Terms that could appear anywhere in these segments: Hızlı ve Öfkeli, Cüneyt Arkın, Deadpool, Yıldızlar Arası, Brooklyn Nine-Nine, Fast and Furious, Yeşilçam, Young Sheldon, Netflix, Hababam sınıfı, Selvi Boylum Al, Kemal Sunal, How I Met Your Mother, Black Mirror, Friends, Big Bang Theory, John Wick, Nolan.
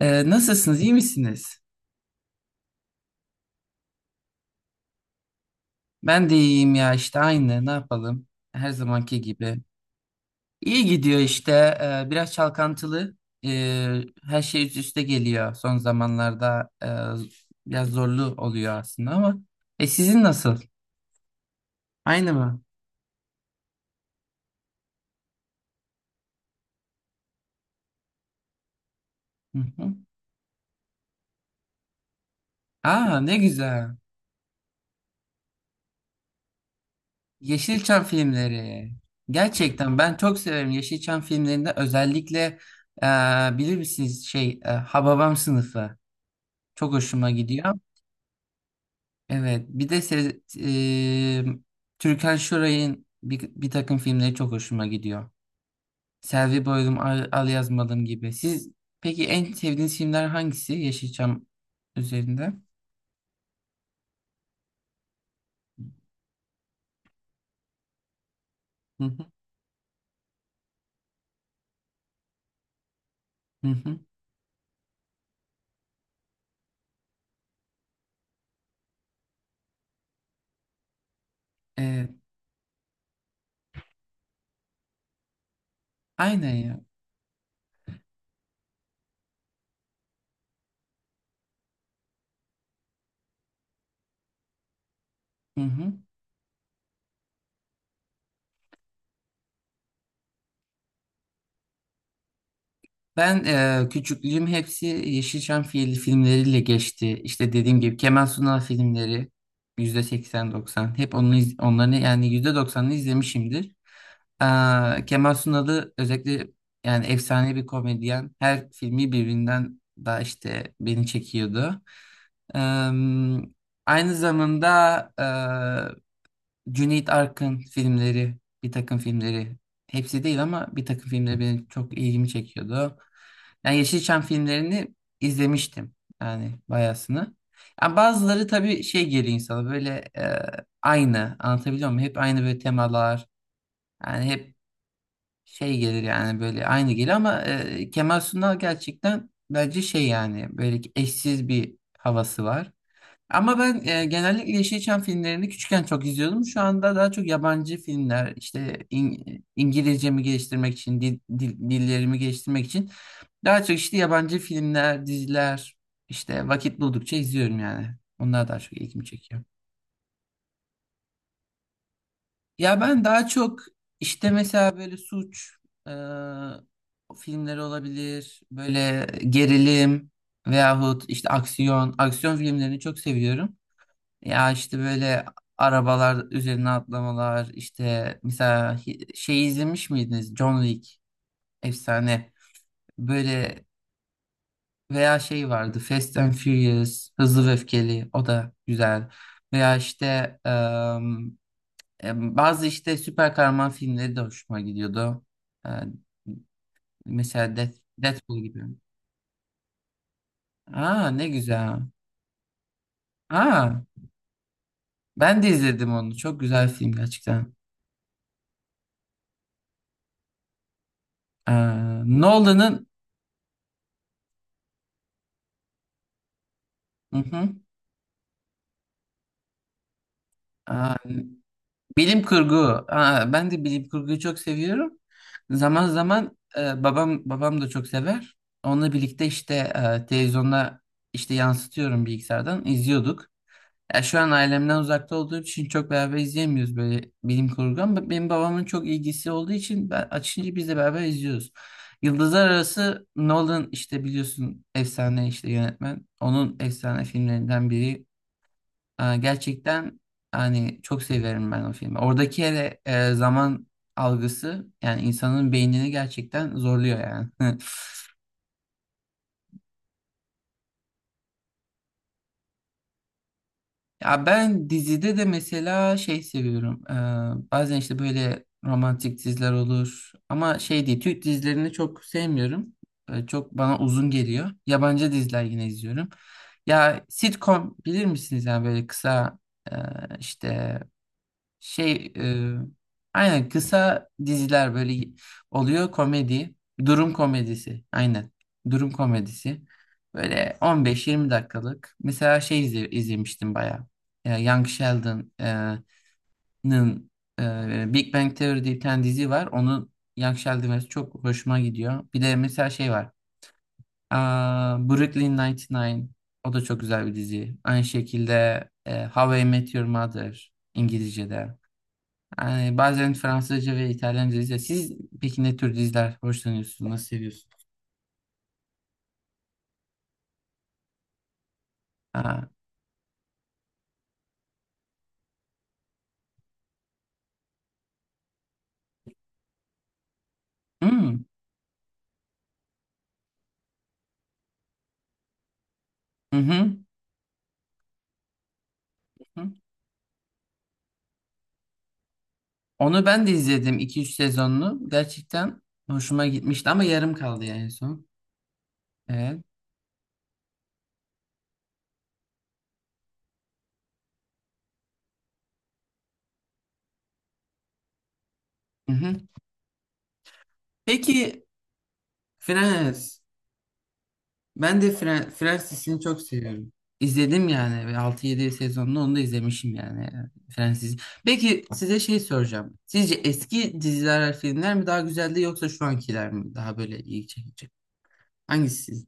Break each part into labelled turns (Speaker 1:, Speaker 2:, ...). Speaker 1: Nasılsınız? İyi misiniz? Ben de iyiyim ya işte aynı. Ne yapalım? Her zamanki gibi. İyi gidiyor işte. Biraz çalkantılı. Her şey üst üste geliyor. Son zamanlarda biraz zorlu oluyor aslında ama. Sizin nasıl? Aynı mı? Hı hı. Aa, ne güzel. Yeşilçam filmleri. Gerçekten ben çok severim Yeşilçam filmlerinde, özellikle e, bilir misiniz Hababam Sınıfı. Çok hoşuma gidiyor. Evet, bir de se Türkan Şoray'ın bir takım filmleri çok hoşuma gidiyor. Selvi Boylum, Al Yazmadım gibi. Siz peki en sevdiğiniz filmler hangisi Yeşilçam üzerinde? Hı hı, hı hı. Evet, aynen ya. Hı hı. Ben küçüklüğüm hepsi Yeşilçam filmleriyle geçti. İşte dediğim gibi Kemal Sunal filmleri %80-90. Hep onu, onların yani %90'ını izlemişimdir. Kemal Sunal'ı özellikle, yani efsane bir komedyen. Her filmi birbirinden daha işte beni çekiyordu. Ee, aynı zamanda Cüneyt Arkın filmleri, bir takım filmleri. Hepsi değil ama bir takım filmleri benim çok ilgimi çekiyordu. Yani Yeşilçam filmlerini izlemiştim. Yani bayasını. Yani bazıları tabii şey geliyor insana, böyle e, aynı, anlatabiliyor muyum? Hep aynı böyle temalar. Yani hep şey gelir, yani böyle aynı gelir ama Kemal Sunal gerçekten bence şey, yani böyle ki eşsiz bir havası var. Ama ben genellikle Yeşilçam filmlerini küçükken çok izliyordum. Şu anda daha çok yabancı filmler, işte İngilizcemi geliştirmek için, dillerimi geliştirmek için daha çok işte yabancı filmler, diziler, işte vakit buldukça izliyorum yani. Onlar daha çok ilgimi çekiyor. Ya ben daha çok işte mesela böyle suç e, filmleri olabilir, böyle gerilim veyahut işte aksiyon, aksiyon filmlerini çok seviyorum. Ya işte böyle arabalar üzerine atlamalar, işte mesela izlemiş miydiniz? John Wick, efsane. Böyle veya şey vardı, Fast and Furious, Hızlı ve Öfkeli, o da güzel. Veya işte bazı işte süper kahraman filmleri de hoşuma gidiyordu. E, Mesela Deadpool gibi. Aa, ne güzel. Aa, ben de izledim onu. Çok güzel film gerçekten. Ee, Nolan'ın. Hı hı. Aa, bilim kurgu. Aa, ben de bilim kurguyu çok seviyorum. Zaman zaman babam da çok sever. Onunla birlikte işte televizyonda işte yansıtıyorum, bilgisayardan izliyorduk. Ya şu an ailemden uzakta olduğum için çok beraber izleyemiyoruz böyle bilim kurgu, ama benim babamın çok ilgisi olduğu için ben açınca biz de beraber izliyoruz. Yıldızlar Arası, Nolan işte biliyorsun, efsane işte yönetmen. Onun efsane filmlerinden biri. Aa, gerçekten hani çok severim ben o filmi. Oradaki hele zaman algısı, yani insanın beynini gerçekten zorluyor yani. Ya ben dizide de mesela şey seviyorum. Bazen işte böyle romantik diziler olur. Ama şey değil, Türk dizilerini çok sevmiyorum. Çok bana uzun geliyor. Yabancı diziler yine izliyorum. Ya, sitcom bilir misiniz? Yani böyle kısa e, işte şey e, aynen, kısa diziler böyle oluyor, komedi. Durum komedisi. Aynen. Durum komedisi. Böyle 15-20 dakikalık. Mesela şey izlemiştim bayağı. Young Sheldon'ın. Big Bang Theory diye bir tane dizi var. Onun Young Sheldon versiyonu çok hoşuma gidiyor. Bir de mesela şey var. Aa, Brooklyn Nine-Nine. O da çok güzel bir dizi. Aynı şekilde How I Met Your Mother, İngilizce'de. Yani bazen Fransızca ve İtalyanca dizi. Siz peki ne tür diziler hoşlanıyorsunuz? Nasıl seviyorsunuz? Ha. Hmm. Hı hı. Hı. Onu ben de izledim, iki üç sezonlu. Gerçekten hoşuma gitmişti ama yarım kaldı yani, en son. Evet. Hı hı. Peki. Friends. Ben de Friends dizisini çok seviyorum. İzledim yani, ve altı yedi sezonlu onu da izlemişim yani, Friends dizisi. Peki, size şey soracağım. Sizce eski diziler, filmler mi daha güzeldi, yoksa şu ankiler mi daha böyle iyi, çekici? Hangisi?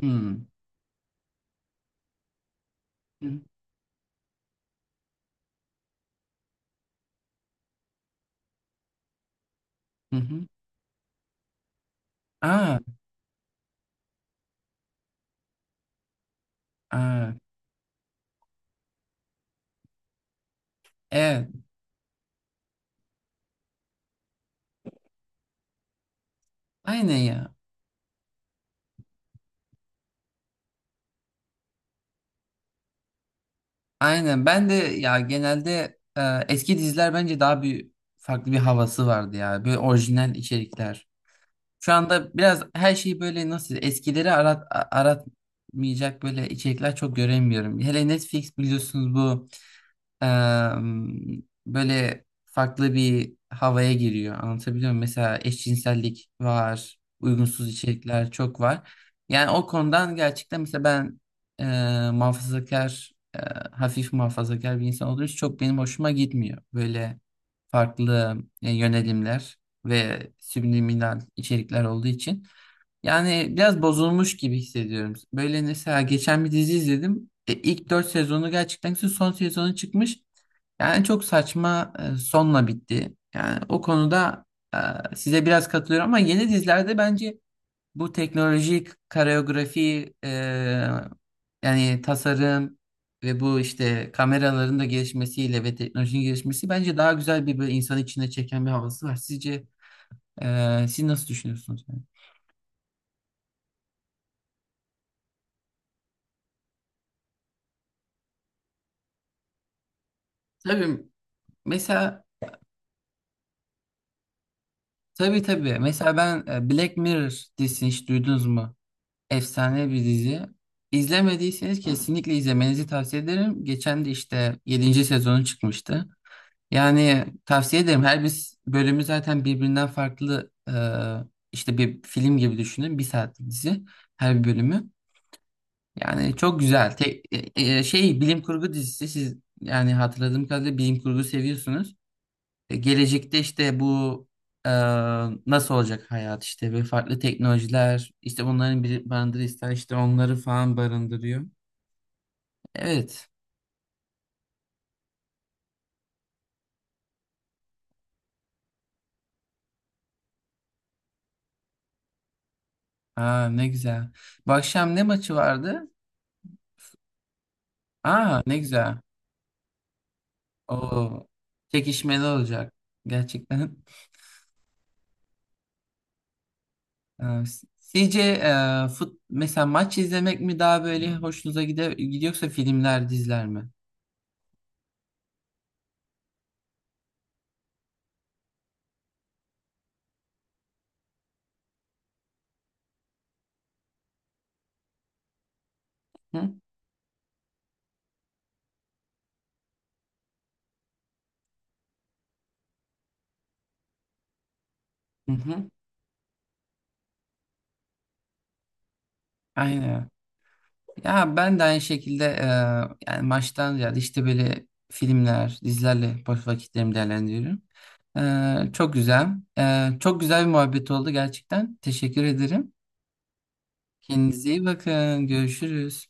Speaker 1: Hmm. Hı hı. Hı. Aa, aa, evet. Aynen ya. Aynen. Ben de ya, genelde eski diziler bence daha bir farklı bir havası vardı ya. Böyle orijinal içerikler. Şu anda biraz her şeyi böyle nasıl, eskileri aratmayacak böyle içerikler çok göremiyorum. Hele Netflix biliyorsunuz bu. Böyle farklı bir havaya giriyor. Anlatabiliyor muyum? Mesela eşcinsellik var, uygunsuz içerikler çok var. Yani o konudan gerçekten, mesela ben muhafazakar, hafif muhafazakar bir insan olduğu için çok benim hoşuma gitmiyor. Böyle farklı yönelimler ve subliminal içerikler olduğu için. Yani biraz bozulmuş gibi hissediyorum. Böyle mesela geçen bir dizi izledim. E, ilk 4 sezonu gerçekten güzel, son sezonu çıkmış. Yani çok saçma sonla bitti. Yani o konuda size biraz katılıyorum, ama yeni dizilerde bence bu teknolojik koreografi, yani tasarım ve bu işte kameraların da gelişmesiyle ve teknolojinin gelişmesi, bence daha güzel bir böyle insanı içine çeken bir havası var. Sizce siz nasıl düşünüyorsunuz? Yani? Tabii mesela Tabii, tabii. Mesela ben Black Mirror dizisini hiç duydunuz mu? Efsane bir dizi. İzlemediyseniz kesinlikle izlemenizi tavsiye ederim. Geçen de işte yedinci sezonu çıkmıştı. Yani tavsiye ederim. Her bir bölümü zaten birbirinden farklı, işte bir film gibi düşünün. Bir saatlik dizi her bir bölümü. Yani çok güzel. Tek, e, e, şey Bilim kurgu dizisi, siz yani hatırladığım kadarıyla bilim kurgu seviyorsunuz. Gelecekte işte bu e, nasıl olacak hayat işte, ve farklı teknolojiler işte, bunların bir barındırırsa işte, onları falan barındırıyor. Evet. Aa, ne güzel. Bu akşam ne maçı vardı? Aa, ne güzel. O çekişmeli olacak gerçekten. Ee, Sizce e, fut mesela maç izlemek mi daha böyle hoşunuza gider, gidiyorsa filmler, diziler mi? Hı hı. Hı. Aynen. Ya ben de aynı şekilde yani maçtan ziyade işte böyle filmler, dizilerle boş vakitlerimi değerlendiriyorum. Çok güzel. Çok güzel bir muhabbet oldu gerçekten. Teşekkür ederim. Kendinize iyi bakın. Görüşürüz.